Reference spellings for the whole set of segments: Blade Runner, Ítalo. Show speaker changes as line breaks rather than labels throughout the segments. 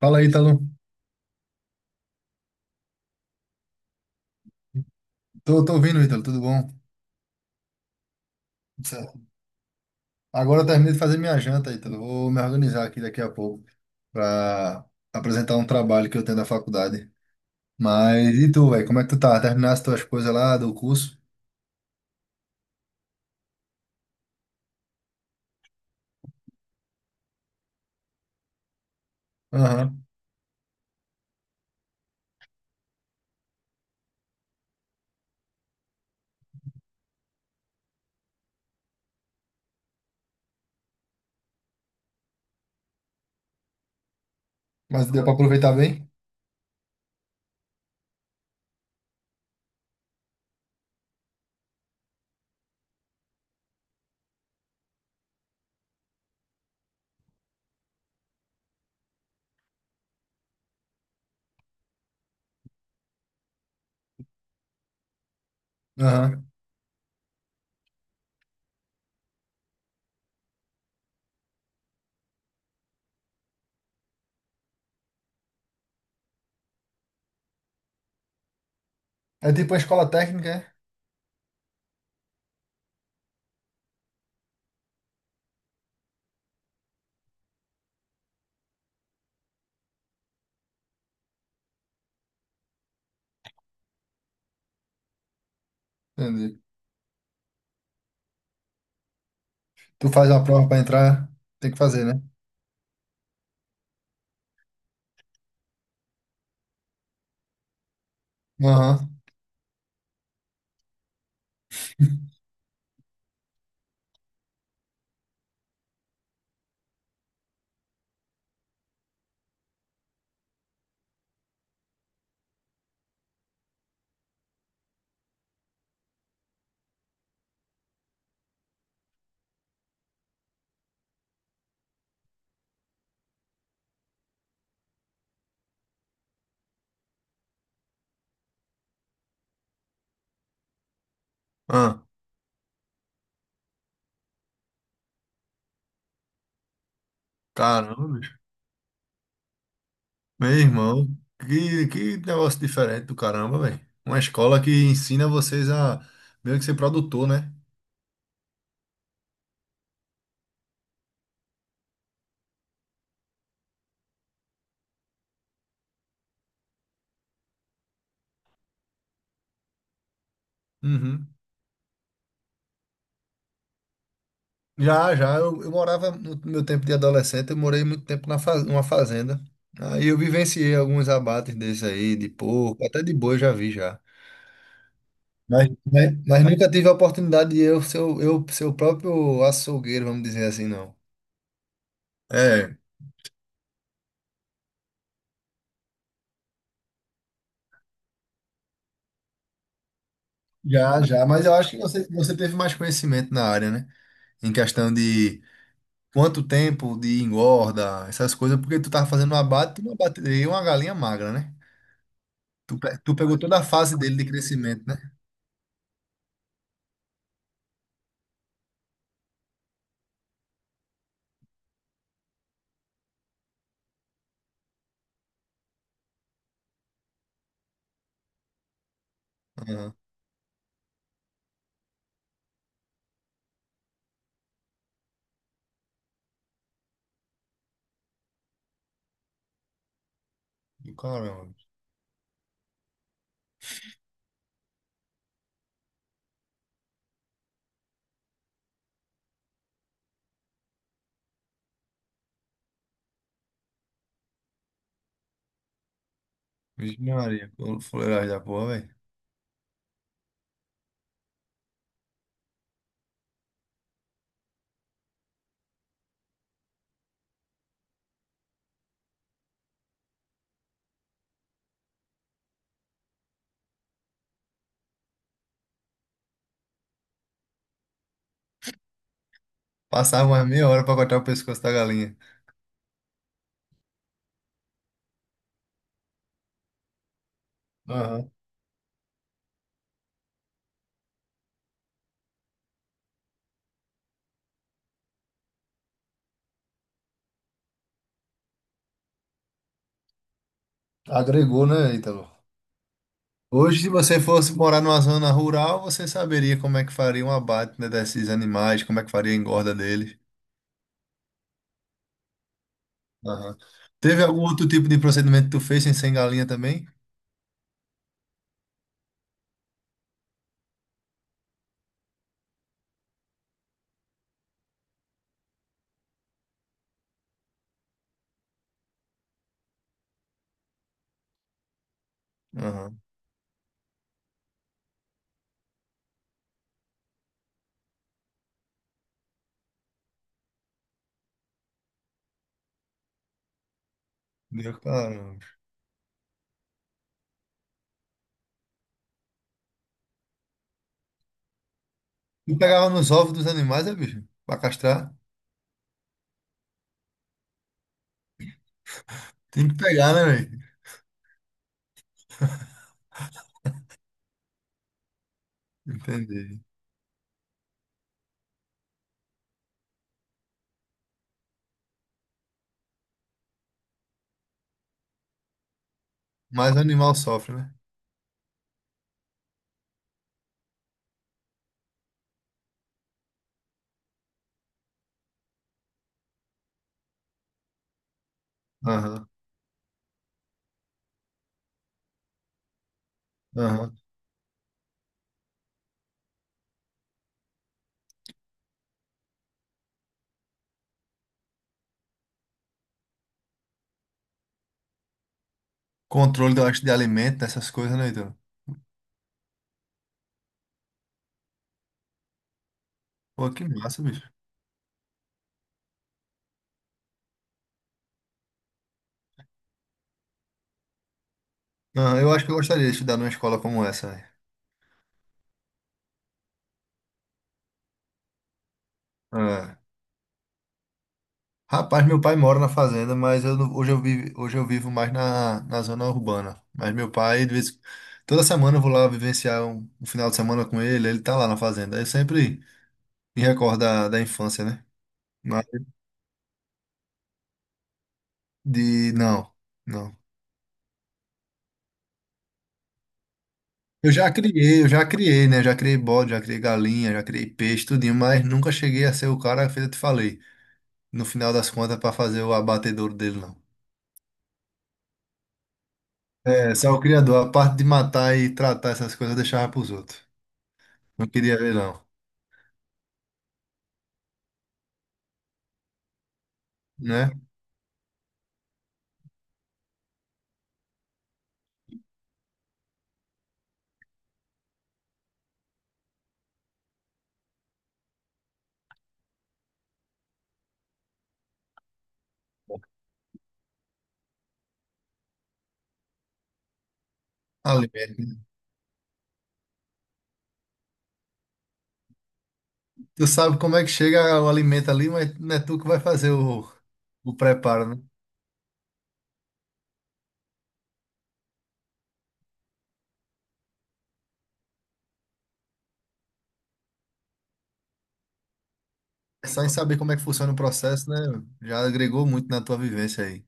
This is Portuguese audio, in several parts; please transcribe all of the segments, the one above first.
Fala, aí, Ítalo. Tô ouvindo, Ítalo, tudo bom? Tudo certo. Agora eu terminei de fazer minha janta, Ítalo. Vou me organizar aqui daqui a pouco para apresentar um trabalho que eu tenho da faculdade. Mas e tu, velho? Como é que tu tá? Terminaste tuas coisas lá do curso? Aham. Mas deu pra aproveitar bem? Aham. É tipo a escola técnica, é? Entendi. Tu faz uma prova pra entrar, tem que fazer, né? Aham. Ah, caramba. Meu irmão, que negócio diferente do caramba, velho. Uma escola que ensina vocês a meio que ser produtor, né? Uhum. Já, já, eu morava no meu tempo de adolescente, eu morei muito tempo na numa fazenda. Aí eu vivenciei alguns abates desses aí, de porco, até de boi eu já vi já. Mas nunca tive a oportunidade de eu ser, eu ser o próprio açougueiro, vamos dizer assim, não. É, já, já, mas eu acho que você teve mais conhecimento na área, né? Em questão de quanto tempo de engorda, essas coisas, porque tu tava fazendo um abate, tu abateria uma galinha magra, né? Tu, tu pegou toda a fase dele de crescimento, né? Aham. E caramba. Vixe Maria, como fuleiragem da porra, velho. Passava umas meia hora pra cortar o pescoço da galinha. Aham. Agregou, né, Ítalo? Hoje, se você fosse morar numa zona rural, você saberia como é que faria um abate, né, desses animais, como é que faria a engorda deles. Aham. Teve algum outro tipo de procedimento que tu fez sem ser galinha também? Aham. Meu cara. Tu pegava nos ovos dos animais, é, bicho? Pra castrar? Tem que pegar, né, velho? Entendi. Mas o animal sofre, né? Aham, aham. Controle, eu acho, de alimento, essas coisas, né, então? Pô, que massa, bicho. Aham, eu acho que eu gostaria de estudar numa escola como essa, velho. Ah. Rapaz, meu pai mora na fazenda, mas eu hoje eu vivo mais na, na zona urbana. Mas meu pai, de vez, toda semana eu vou lá vivenciar um, um final de semana com ele, ele tá lá na fazenda. Eu sempre me recordo da, da infância, né? Mas de, não. Não. Eu já criei, né? Já criei bode, já criei galinha, já criei peixe, tudinho, mas nunca cheguei a ser o cara que eu te falei, no final das contas, para fazer o abatedouro dele, não. É, só o criador, a parte de matar e tratar essas coisas eu deixava pros outros. Não queria ver, não, né? Alimento, né? Tu sabe como é que chega o alimento ali, mas não é tu que vai fazer o preparo, né? Só em saber como é que funciona o processo, né? Já agregou muito na tua vivência aí.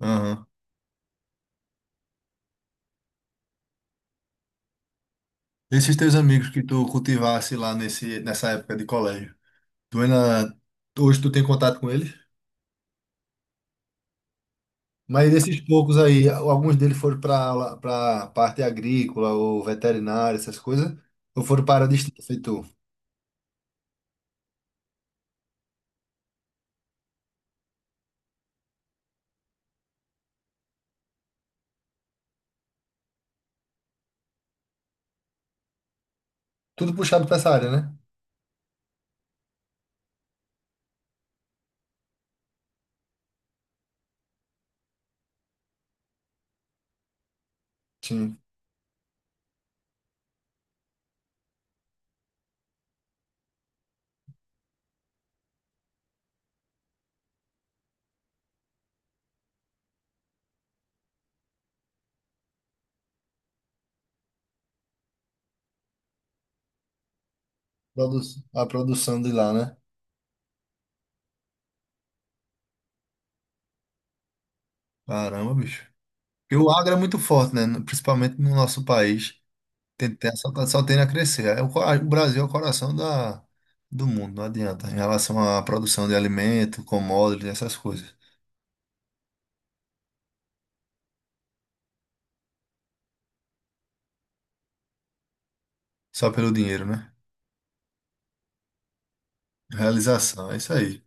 Aham. Esses teus amigos que tu cultivasse lá nesse, nessa época de colégio. Tu ainda, hoje tu tem contato com eles? Mas desses poucos aí, alguns deles foram para parte agrícola ou veterinária, essas coisas, ou foram para a distância, feito tu? Tudo puxado para essa área, né? Sim. Produ- A produção de lá, né? Caramba, bicho. Porque o agro é muito forte, né? Principalmente no nosso país. Só tende a crescer. É o Brasil é o coração da, do mundo, não adianta. Em relação à produção de alimento, commodities, essas coisas. Só pelo dinheiro, né? Realização, é isso aí.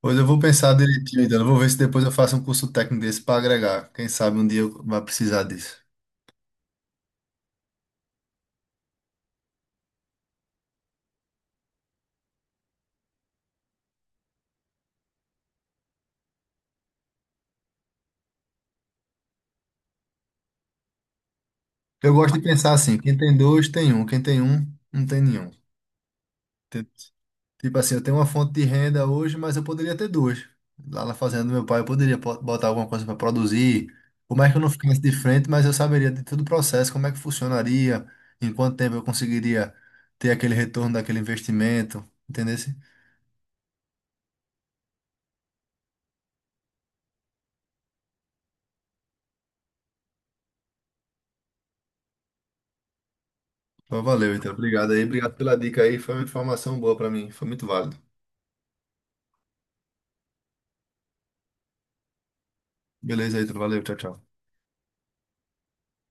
Pois eu vou pensar direitinho, então. Eu vou ver se depois eu faço um curso técnico desse para agregar. Quem sabe um dia eu vá precisar disso. Eu gosto de pensar assim: quem tem dois, tem um. Quem tem um, não tem nenhum. Tem- Tipo assim, eu tenho uma fonte de renda hoje, mas eu poderia ter duas. Lá na fazenda do meu pai, eu poderia botar alguma coisa para produzir. Por mais que eu não ficasse de frente, mas eu saberia de todo o processo, como é que funcionaria, em quanto tempo eu conseguiria ter aquele retorno daquele investimento. Entendeu? Valeu, então. Obrigado aí. Obrigado pela dica aí. Foi uma informação boa para mim. Foi muito válido. Beleza, Ítalo. Valeu. Tchau, tchau.